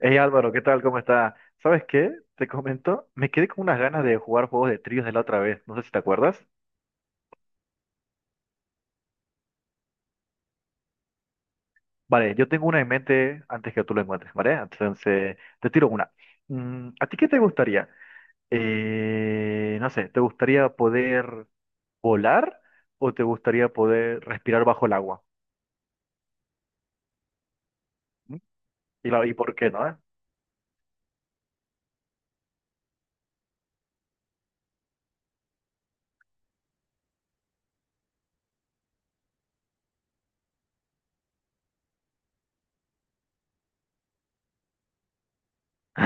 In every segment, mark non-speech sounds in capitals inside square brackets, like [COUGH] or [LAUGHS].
Hey Álvaro, ¿qué tal? ¿Cómo está? ¿Sabes qué? Te comento, me quedé con unas ganas de jugar juegos de tríos de la otra vez, no sé si te acuerdas. Vale, yo tengo una en mente antes que tú lo encuentres, ¿vale? Entonces, te tiro una. ¿A ti qué te gustaría? No sé, ¿te gustaría poder volar o te gustaría poder respirar bajo el agua? ¿Mm? ¿Y por qué no?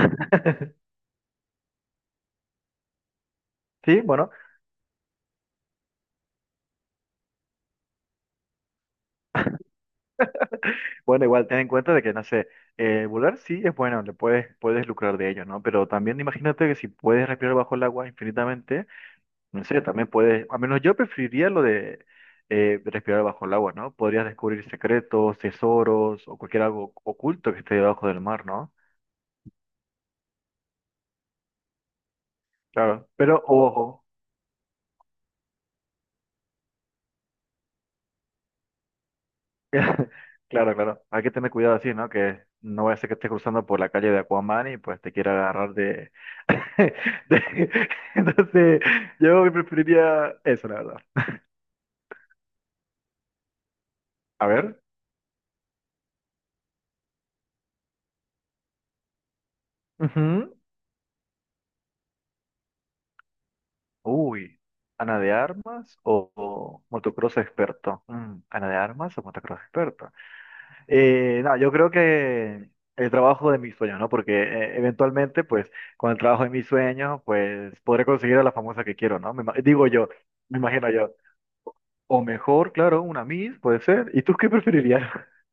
[LAUGHS] Sí, bueno, Bueno, igual ten en cuenta de que, no sé, volar sí es bueno, puedes lucrar de ello, ¿no? Pero también imagínate que si puedes respirar bajo el agua infinitamente, no sé, también puedes, al menos yo preferiría lo de respirar bajo el agua, ¿no? Podrías descubrir secretos, tesoros o cualquier algo oculto que esté debajo del mar, ¿no? Claro, pero ojo. [LAUGHS] Claro, claro. Hay que tener cuidado así, ¿no? Que no vaya a ser que estés cruzando por la calle de Aquaman y pues te quiera agarrar de... [LAUGHS] de- [LAUGHS] Entonces, yo preferiría eso, la verdad. A ver. Ujú. Uy. ¿Ana de armas o motocross experto? Mm, ¿Ana de armas o motocross experto? No, yo creo que el trabajo de mis sueños, ¿no? Porque eventualmente, pues, con el trabajo de mis sueños, pues, podré conseguir a la famosa que quiero, ¿no? Digo yo, me imagino yo. O mejor, claro, una Miss, puede ser. ¿Y tú qué preferirías? [LAUGHS]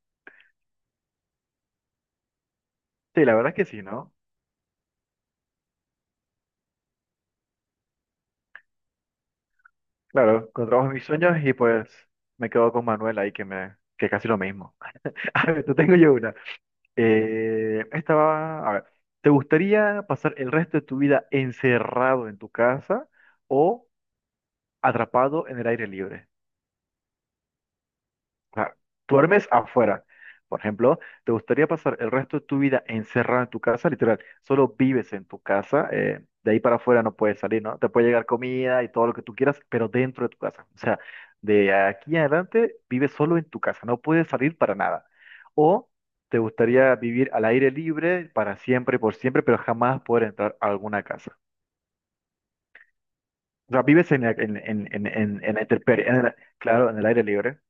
Sí, la verdad es que sí, ¿no? Claro, con el trabajo de mis sueños y pues me quedo con Manuel ahí que es casi lo mismo. [LAUGHS] A ver, te tengo yo una. Esta va, a ver, ¿te gustaría pasar el resto de tu vida encerrado en tu casa o atrapado en el aire libre? O sea, duermes afuera. Por ejemplo, ¿te gustaría pasar el resto de tu vida encerrado en tu casa? Literal, solo vives en tu casa. De ahí para afuera no puedes salir, ¿no? Te puede llegar comida y todo lo que tú quieras, pero dentro de tu casa. O sea, de aquí en adelante vives solo en tu casa. No puedes salir para nada. O te gustaría vivir al aire libre para siempre, por siempre, pero jamás poder entrar a alguna casa. O sea, vives en la intemperie, claro, en el aire libre.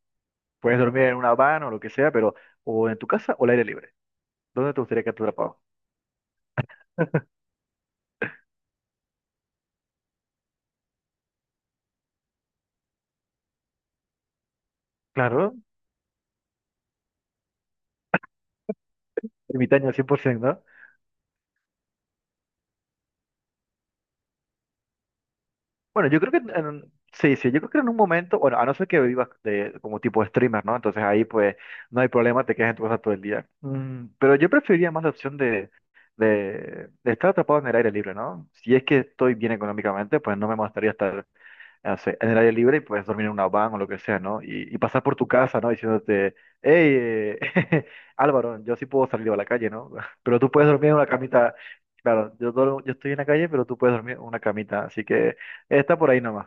Puedes dormir en una van o lo que sea, pero o en tu casa o al aire libre. ¿Dónde te gustaría quedarte atrapado? Claro, ermitaño al 100%, ¿no? Bueno, yo creo que en sí, sí, yo creo que en un momento, bueno, a no ser que vivas de, como tipo streamer, ¿no? Entonces ahí pues no hay problema, te quedas en tu casa todo el día. Mm, pero yo preferiría más la opción de estar atrapado en el aire libre, ¿no? Si es que estoy bien económicamente, pues no me molestaría estar no en el aire libre y puedes dormir en una van o lo que sea, ¿no? Y pasar por tu casa, ¿no? Diciéndote, hey, [LAUGHS] Álvaro, yo sí puedo salir a la calle, ¿no? [LAUGHS] Pero tú puedes dormir en una camita. Claro, yo estoy en la calle, pero tú puedes dormir en una camita. Así que está por ahí nomás.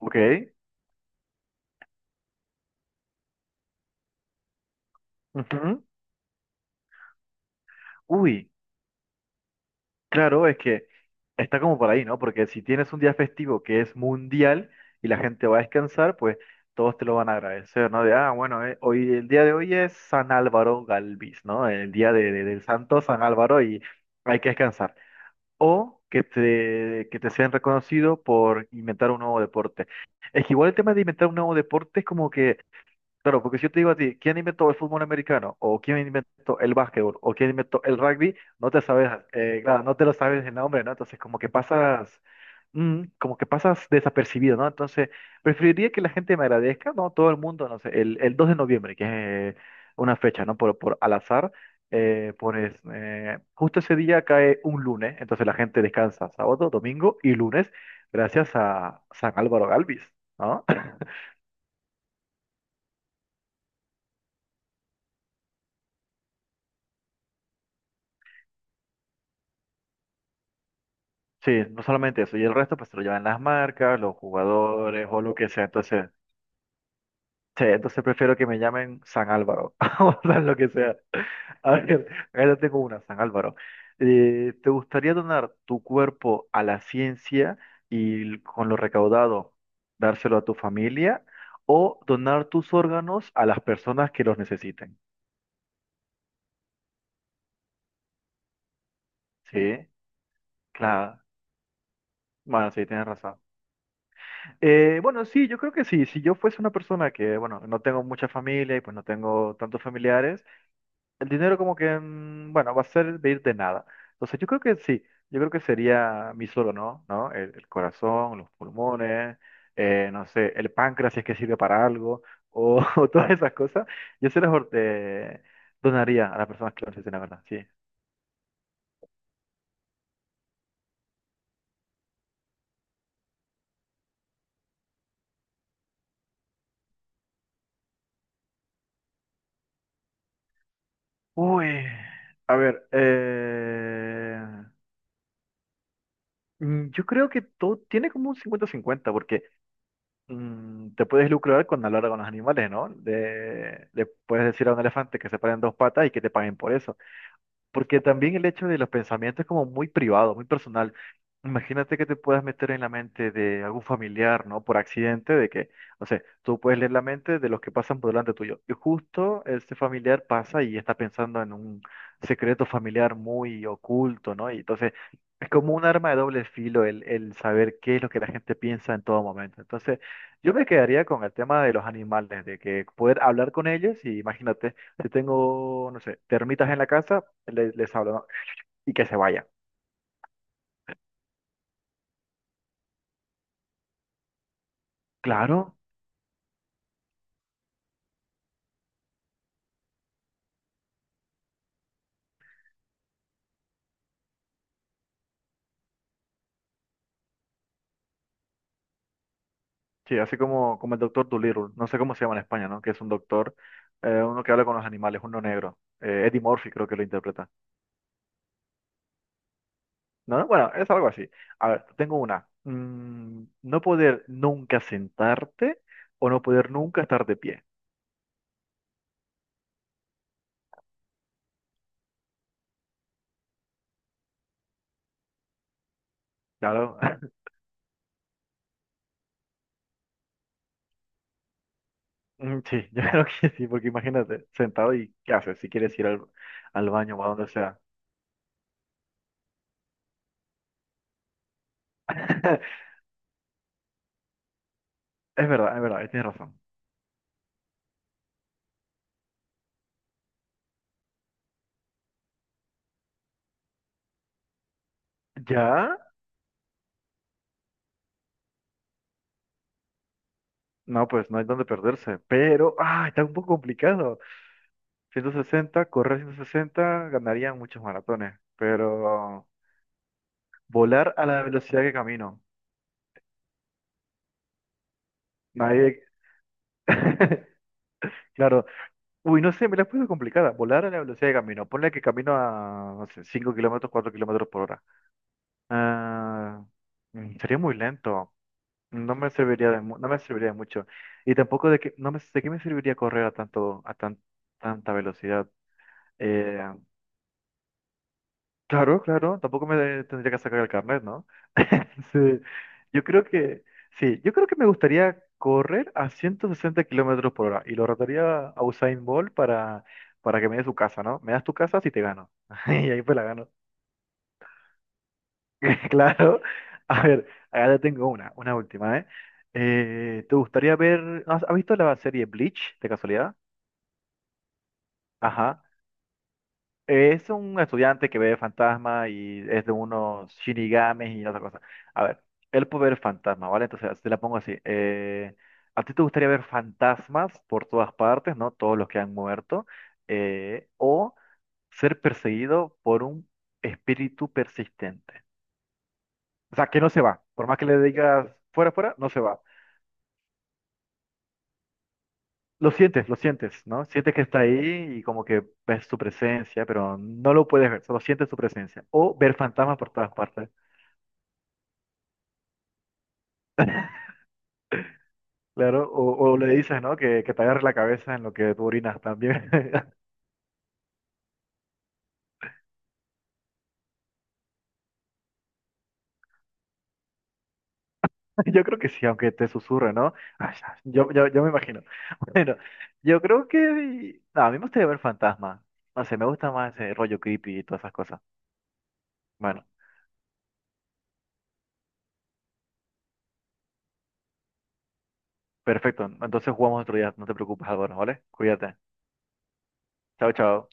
Ok. Ujú. Uy. Claro, es que está como por ahí, ¿no? Porque si tienes un día festivo que es mundial y la gente va a descansar, pues todos te lo van a agradecer, ¿no? De, ah, bueno, hoy, el día de hoy es San Álvaro Galvis, ¿no? El día del santo San Álvaro y hay que descansar. O que te sean reconocidos por inventar un nuevo deporte. Es que igual el tema de inventar un nuevo deporte es como que claro, porque si yo te digo a ti, ¿quién inventó el fútbol americano? ¿O quién inventó el básquetbol? ¿O quién inventó el rugby? No te sabes, claro, no te lo sabes el nombre, ¿no? Entonces, como que pasas, como que pasas desapercibido, ¿no? Entonces, preferiría que la gente me agradezca, ¿no? Todo el mundo, no sé, el 2 de noviembre, que es una fecha, ¿no? Por al azar, pones, justo ese día cae un lunes, entonces la gente descansa sábado, domingo y lunes, gracias a San Álvaro Galvis, ¿no? Sí, no solamente eso, y el resto pues se lo llevan las marcas, los jugadores o lo que sea. Entonces, sí, entonces prefiero que me llamen San Álvaro, [LAUGHS] o sea, lo que sea. A ver, ahora tengo una, San Álvaro. ¿Te gustaría donar tu cuerpo a la ciencia y con lo recaudado dárselo a tu familia o donar tus órganos a las personas que los necesiten? Sí, claro. Bueno, sí, tienes razón. Bueno, sí, yo creo que sí. Si yo fuese una persona que, bueno, no tengo mucha familia y pues no tengo tantos familiares, el dinero como que, bueno, va a ser de ir de nada. Entonces yo creo que sí, yo creo que sería mi solo, ¿no? ¿No? El corazón, los pulmones, no sé, el páncreas si es que sirve para algo, o, [LAUGHS] o todas esas cosas. Yo se las or- Donaría a las personas que lo necesiten, la verdad, sí. Uy, a ver, yo creo que todo tiene como un cincuenta cincuenta porque... te puedes lucrar con hablar con los animales, ¿no? Le puedes decir a un elefante que se paren dos patas y que te paguen por eso. Porque también el hecho de los pensamientos es como muy privado, muy personal. Imagínate que te puedas meter en la mente de algún familiar, ¿no? Por accidente, de que, no sé, tú puedes leer la mente de los que pasan por delante tuyo. Y justo este familiar pasa y está pensando en un secreto familiar muy oculto, ¿no? Y entonces es como un arma de doble filo el saber qué es lo que la gente piensa en todo momento. Entonces yo me quedaría con el tema de los animales, de que poder hablar con ellos y imagínate. Si tengo, no sé, termitas en la casa, les habla, ¿no? Y que se vaya. Claro, sí, así como, como el doctor Dolittle, no sé cómo se llama en España, ¿no? Que es un doctor, uno que habla con los animales, uno negro. Eddie Murphy creo que lo interpreta. No, bueno, es algo así. A ver, tengo una. No poder nunca sentarte o no poder nunca estar de pie. Claro, [LAUGHS] sí, yo creo que sí, porque imagínate, sentado y ¿qué haces? Si quieres ir al baño o a donde sea. [LAUGHS] Es verdad, tienes razón. ¿Ya? No, pues no hay donde perderse, pero ah, está un poco complicado. 160, correr 160 ganarían muchos maratones, pero volar a la velocidad que camino. Nadie, [LAUGHS] claro. Uy, no sé, me la puse complicada. Volar a la velocidad que camino. Ponle que camino a, no sé, 5 kilómetros, 4 kilómetros por hora. Ah, sería muy lento. No me serviría no me serviría de mucho. Y tampoco de que, no me, de qué me serviría correr a tanto, a tan, tanta velocidad. Eh, Claro, claro, tampoco me tendría que sacar el carnet, ¿no? [LAUGHS] Sí, yo creo que, sí, yo creo que me gustaría correr a 160 kilómetros por hora y lo retaría a Usain Bolt para que me dé su casa, ¿no? Me das tu casa si te gano. [LAUGHS] Y ahí pues la gano. [LAUGHS] Claro. A ver, acá ya tengo una última, ¿eh? Te gustaría ver, no, ¿has, has visto la serie Bleach, de casualidad? Ajá. Es un estudiante que ve fantasma y es de unos shinigames y otra cosa. A ver, él puede ver fantasma, ¿vale? Entonces, te la pongo así. ¿A ti te gustaría ver fantasmas por todas partes, ¿no? Todos los que han muerto. O ser perseguido por un espíritu persistente. O sea, que no se va. Por más que le digas fuera, fuera, no se va. Lo sientes, ¿no? Sientes que está ahí y como que ves su presencia, pero no lo puedes ver, solo sientes su presencia. O ver fantasmas por todas partes. Claro, o le dices, ¿no? Que te agarre la cabeza en lo que tú orinas también. [LAUGHS] Yo creo que sí, aunque te susurre, ¿no? Ay, ay, yo me imagino. [LAUGHS] Bueno, yo creo que... no, a mí me gustaría ver fantasmas. No sé, me gusta más ese rollo creepy y todas esas cosas. Bueno, perfecto. Entonces jugamos otro día. No te preocupes, Álvaro, ¿vale? Cuídate. Chao, chao.